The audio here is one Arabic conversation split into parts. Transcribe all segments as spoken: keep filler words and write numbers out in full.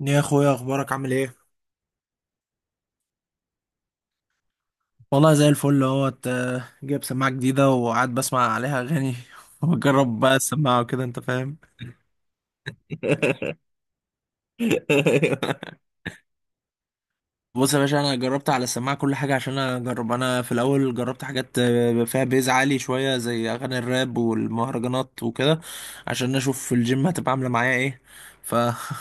يا اخويا، اخبارك عامل ايه؟ والله زي الفل اهوت، آه، جايب سماعه جديده وقاعد بسمع عليها اغاني وبجرب بقى السماعه وكده، انت فاهم. بص يا باشا، انا جربت على السماعه كل حاجه عشان اجرب. انا في الاول جربت حاجات آه، فيها بيز عالي شويه زي اغاني الراب والمهرجانات وكده، عشان اشوف في الجيم هتبقى عامله معايا ايه. ف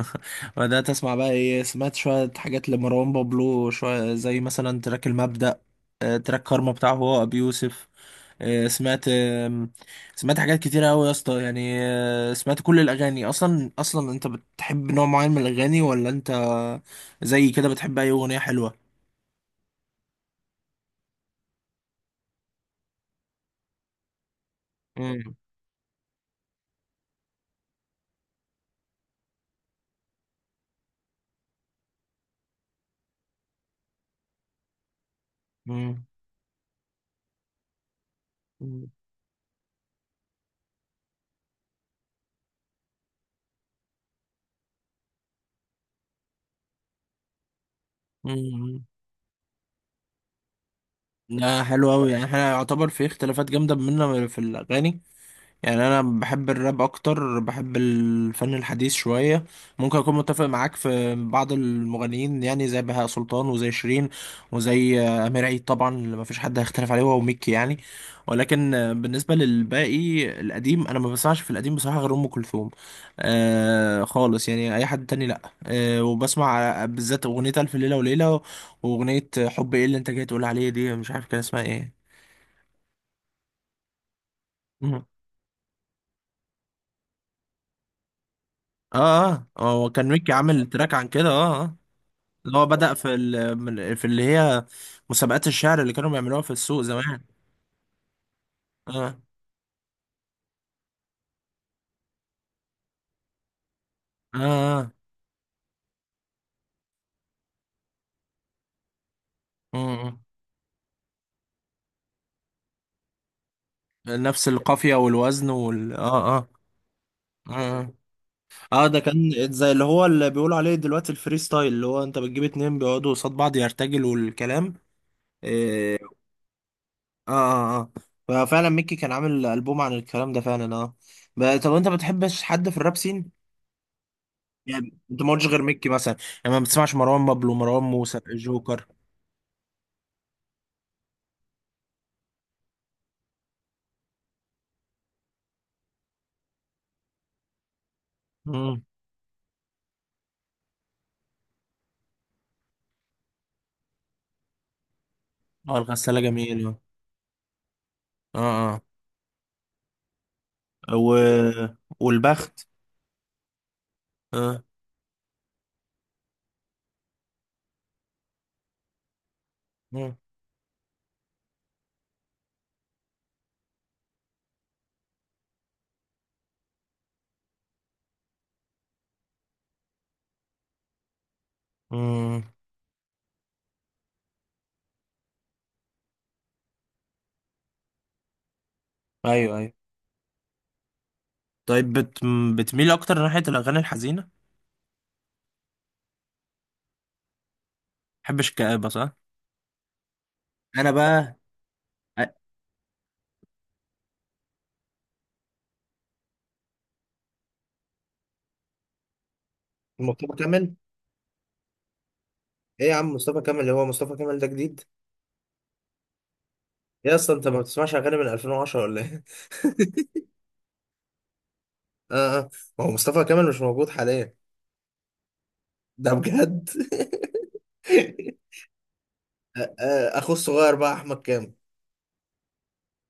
بدات اسمع بقى ايه. سمعت شويه حاجات لمروان بابلو، شويه زي مثلا تراك المبدأ، آه، تراك كارما بتاعه هو ابي يوسف. آه، سمعت آم، سمعت حاجات كتيرة أوي يا اسطى، يعني آه، سمعت كل الأغاني. أصلا أصلا، أنت بتحب نوع معين من الأغاني، ولا أنت زي كده بتحب أي أغنية حلوة؟ مم. مم. مم. مم. لا، حلو أوي يعني. احنا يعتبر في اختلافات جامدة بينا في الأغاني. يعني انا بحب الراب اكتر، بحب الفن الحديث شويه. ممكن اكون متفق معاك في بعض المغنيين، يعني زي بهاء سلطان وزي شيرين وزي آه، امير عيد طبعا، اللي ما فيش حد هيختلف عليه هو وميكي يعني. ولكن آه، بالنسبه للباقي القديم، انا ما بسمعش في القديم بصراحه غير ام كلثوم. آه، خالص يعني، اي حد تاني لا. آه، وبسمع بالذات اغنيه الف ليله وليله، واغنيه حب ايه اللي انت جاي تقول عليه دي، مش عارف كان اسمها ايه. مم. اه اه، هو كان ميكي عامل تراك عن كده، اه. آه. اللي هو بدأ في ال... من- في اللي هي مسابقات الشعر اللي كانوا بيعملوها في السوق زمان. اه. اه. اه. آه. نفس القافية والوزن وال اه اه اه اه آه، ده كان زي اللي هو اللي بيقولوا عليه دلوقتي الفري ستايل، اللي هو انت بتجيب اتنين بيقعدوا قصاد بعض يرتجلوا الكلام. إيه. اه اه اه، ففعلا ميكي كان عامل ألبوم عن الكلام ده فعلا، اه. ب- طب انت ما بتحبش حد في الراب سين؟ يعني انت ما قلتش غير ميكي مثلا، يعني ما بتسمعش مروان بابلو مروان موسى جوكر؟ اه، الغسالة جميل، اه. اه. آه. و... والبخت، اه. مم. مم. ايوه ايوه. طيب بت... بتميل اكتر ناحية الاغاني الحزينة؟ محبش الكآبة، صح؟ انا بقى. مصطفى كامل؟ ايه يا عم، مصطفى كامل اللي هو مصطفى كامل ده جديد؟ ايه، اصلا انت ما بتسمعش اغاني من ألفين وعشرة ولا ايه؟ اه اه، ما هو مصطفى كامل مش موجود حاليا. ده بجد. آه، آه، اخوه الصغير بقى احمد كامل.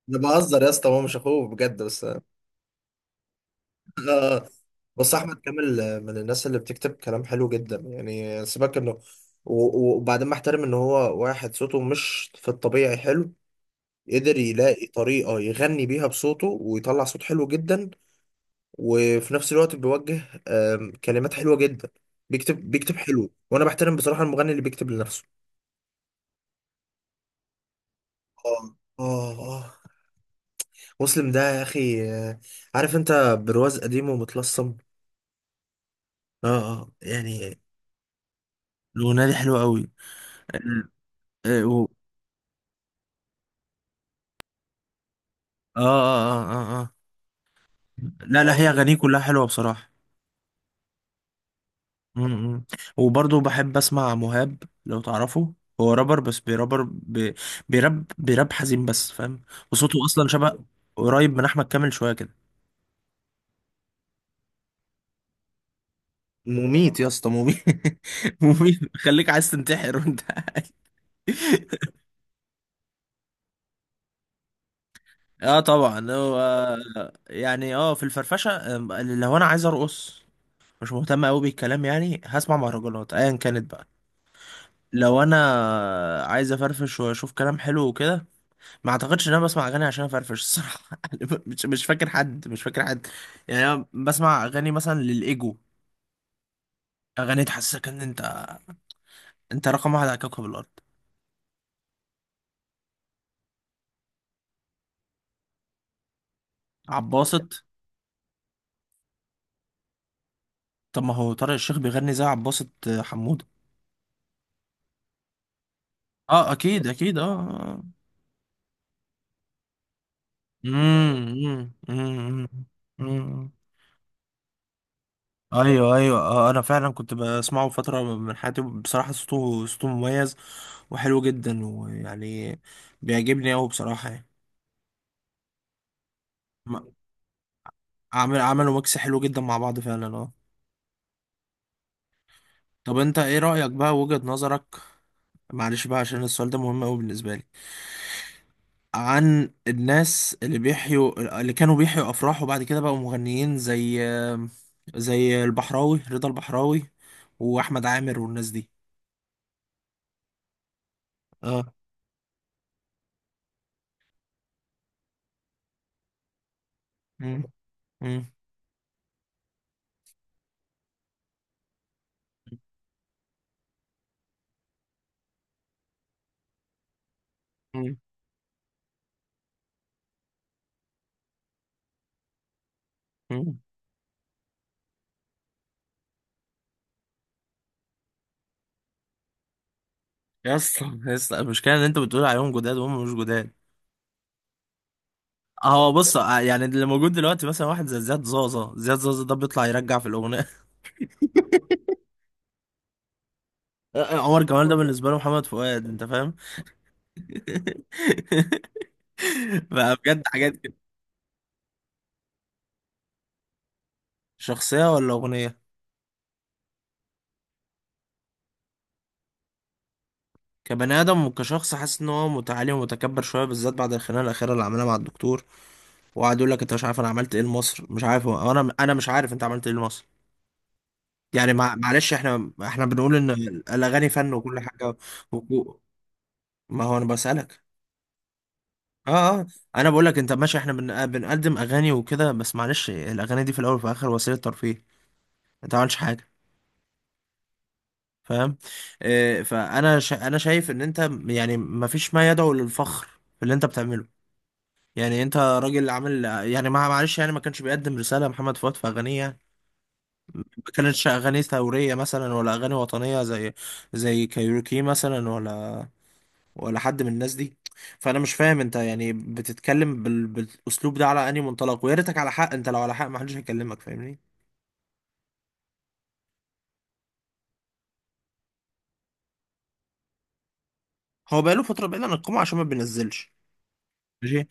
ده بهزر يا اسطى، هو مش اخوه بجد بس. آه. بس احمد كامل آه، من الناس اللي بتكتب كلام حلو جدا يعني، سيبك انه، و- و- وبعدين بحترم ان هو واحد صوته مش في الطبيعي حلو، قدر يلاقي طريقة يغني بيها بصوته ويطلع صوت حلو جدا. وفي نفس الوقت بيوجه آم، كلمات حلوة جدا. بيكتب بيكتب حلو، وانا بحترم بصراحة المغني اللي بيكتب لنفسه. اه اه اه، مسلم ده يا اخي، آه، عارف انت، برواز قديم ومتلصم. اه اه يعني. الاغنية دي حلوة قوي. اه اه اه اه. آه. لا لا، هي أغانيه كلها حلوة بصراحة. امم. وبرضه بحب أسمع مهاب لو تعرفه. هو رابر، بس بيرابر بي... بيراب بيراب حزين بس، فاهم. وصوته أصلا شبه قريب من أحمد كامل شوية كده. مميت يا اسطى، مميت. مميت، خليك عايز تنتحر وانت قاعد. اه طبعا، هو يعني اه، في الفرفشه، آه، لو انا عايز ارقص، مش مهتم قوي بالكلام، يعني هسمع مهرجانات ايا كانت بقى. لو انا عايز افرفش واشوف كلام حلو وكده، ما اعتقدش ان انا بسمع اغاني عشان افرفش الصراحه. يعني مش مش فاكر حد، مش فاكر حد. يعني انا بسمع اغاني مثلا للايجو، اغاني تحسسك ان انت انت رقم واحد على كوكب الارض. عباسط. طب ما هو طارق الشيخ بيغني زي عباسط حمود. اه، اكيد اكيد، اه. امم. ايوه ايوه، آه، انا فعلا كنت بسمعه فتره من حياتي بصراحه. صوته صوته مميز وحلو جدا ويعني بيعجبني قوي بصراحه يعني. م- عمل عملوا ميكس حلو جدا مع بعض فعلا، اه. طب انت ايه رايك بقى، وجهه نظرك؟ معلش بقى، عشان السؤال ده مهم قوي بالنسبه لي. عن الناس اللي بيحيوا اللي كانوا بيحيوا افراح وبعد كده بقوا مغنيين، زي زي البحراوي، رضا البحراوي واحمد عامر والناس دي. اه. مم. مم. مم. يا اسطى يا اسطى، المشكله ان انت بتقول عليهم جداد وهم مش جداد. هو بص، آه، يعني اللي موجود دلوقتي مثلا واحد زي زياد زازا. زياد زازا ده بيطلع يرجع في الاغنيه. عمر كمال ده بالنسبه له محمد فؤاد، انت فاهم. بقى بجد حاجات كده. شخصيه ولا اغنيه؟ كبني ادم وكشخص حاسس ان هو متعالي ومتكبر شويه، بالذات بعد الخناقه الاخيره اللي عملها مع الدكتور، وقعد يقول لك انت مش عارف انا عملت ايه لمصر، مش عارف. هو- انا انا مش عارف انت عملت ايه لمصر. يعني مع- معلش، احنا احنا بنقول ان الاغاني فن وكل حاجه، ما هو انا بسألك. اه اه. انا بقول لك انت ماشي، احنا بن... بنقدم اغاني وكده، بس معلش الاغاني دي في الاول وفي الاخر وسيله ترفيه. انت ما عملتش حاجه، فاهم. آه، فانا ش... انا شايف ان انت يعني ما فيش ما يدعو للفخر في اللي انت بتعمله. يعني انت راجل عامل يعني، ما معلش يعني، ما كانش بيقدم رساله محمد فؤاد في اغانيه يعني، ما كانتش اغاني ثوريه مثلا ولا اغاني وطنيه زي زي كايروكي مثلا، ولا ولا حد من الناس دي. فانا مش فاهم انت يعني بتتكلم بال... بالاسلوب ده على انهي منطلق، ويا ريتك على حق، انت لو على حق ما حدش هيكلمك، فاهمني. هو بقاله فتره بعيد عن القمه عشان ما بينزلش، ماشي.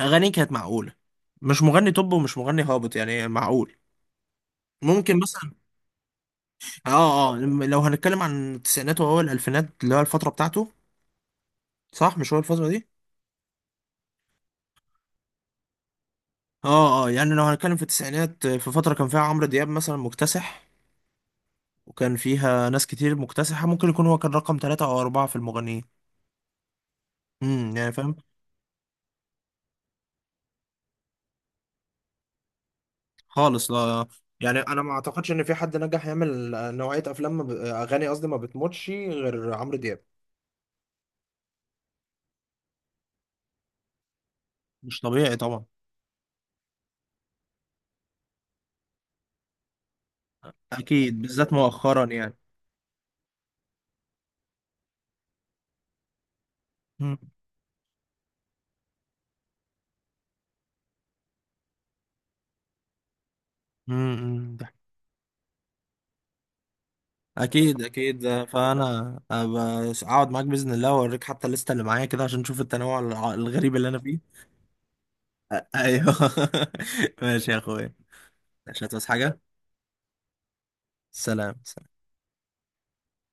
اغانيه كانت معقوله، مش مغني توب ومش مغني هابط، يعني معقول، ممكن مثلا. اه اه، لما- لو هنتكلم عن التسعينات واول الالفينات، اللي هو الفتره بتاعته. صح، مش هو الفتره دي؟ اه اه، يعني لو هنتكلم في التسعينات، في فتره كان فيها عمرو دياب مثلا مكتسح، وكان فيها ناس كتير مكتسحة، ممكن يكون هو كان رقم ثلاثة أو أربعة في المغنيين. امم، يعني فاهم. خالص لا. يعني انا ما اعتقدش ان في حد نجح يعمل آه، نوعية افلام، ما ب... اغاني قصدي، ما بتموتش غير عمرو دياب. مش طبيعي طبعا، اكيد بالذات مؤخرا يعني. مم. مم. مم. ده اكيد اكيد. فانا أبقى اقعد معاك باذن الله واوريك حتى الليسته اللي معايا كده، عشان تشوف التنوع الع- الغريب اللي انا فيه. ايوه. ماشي يا اخويا، مش هتعوز حاجه. سلام.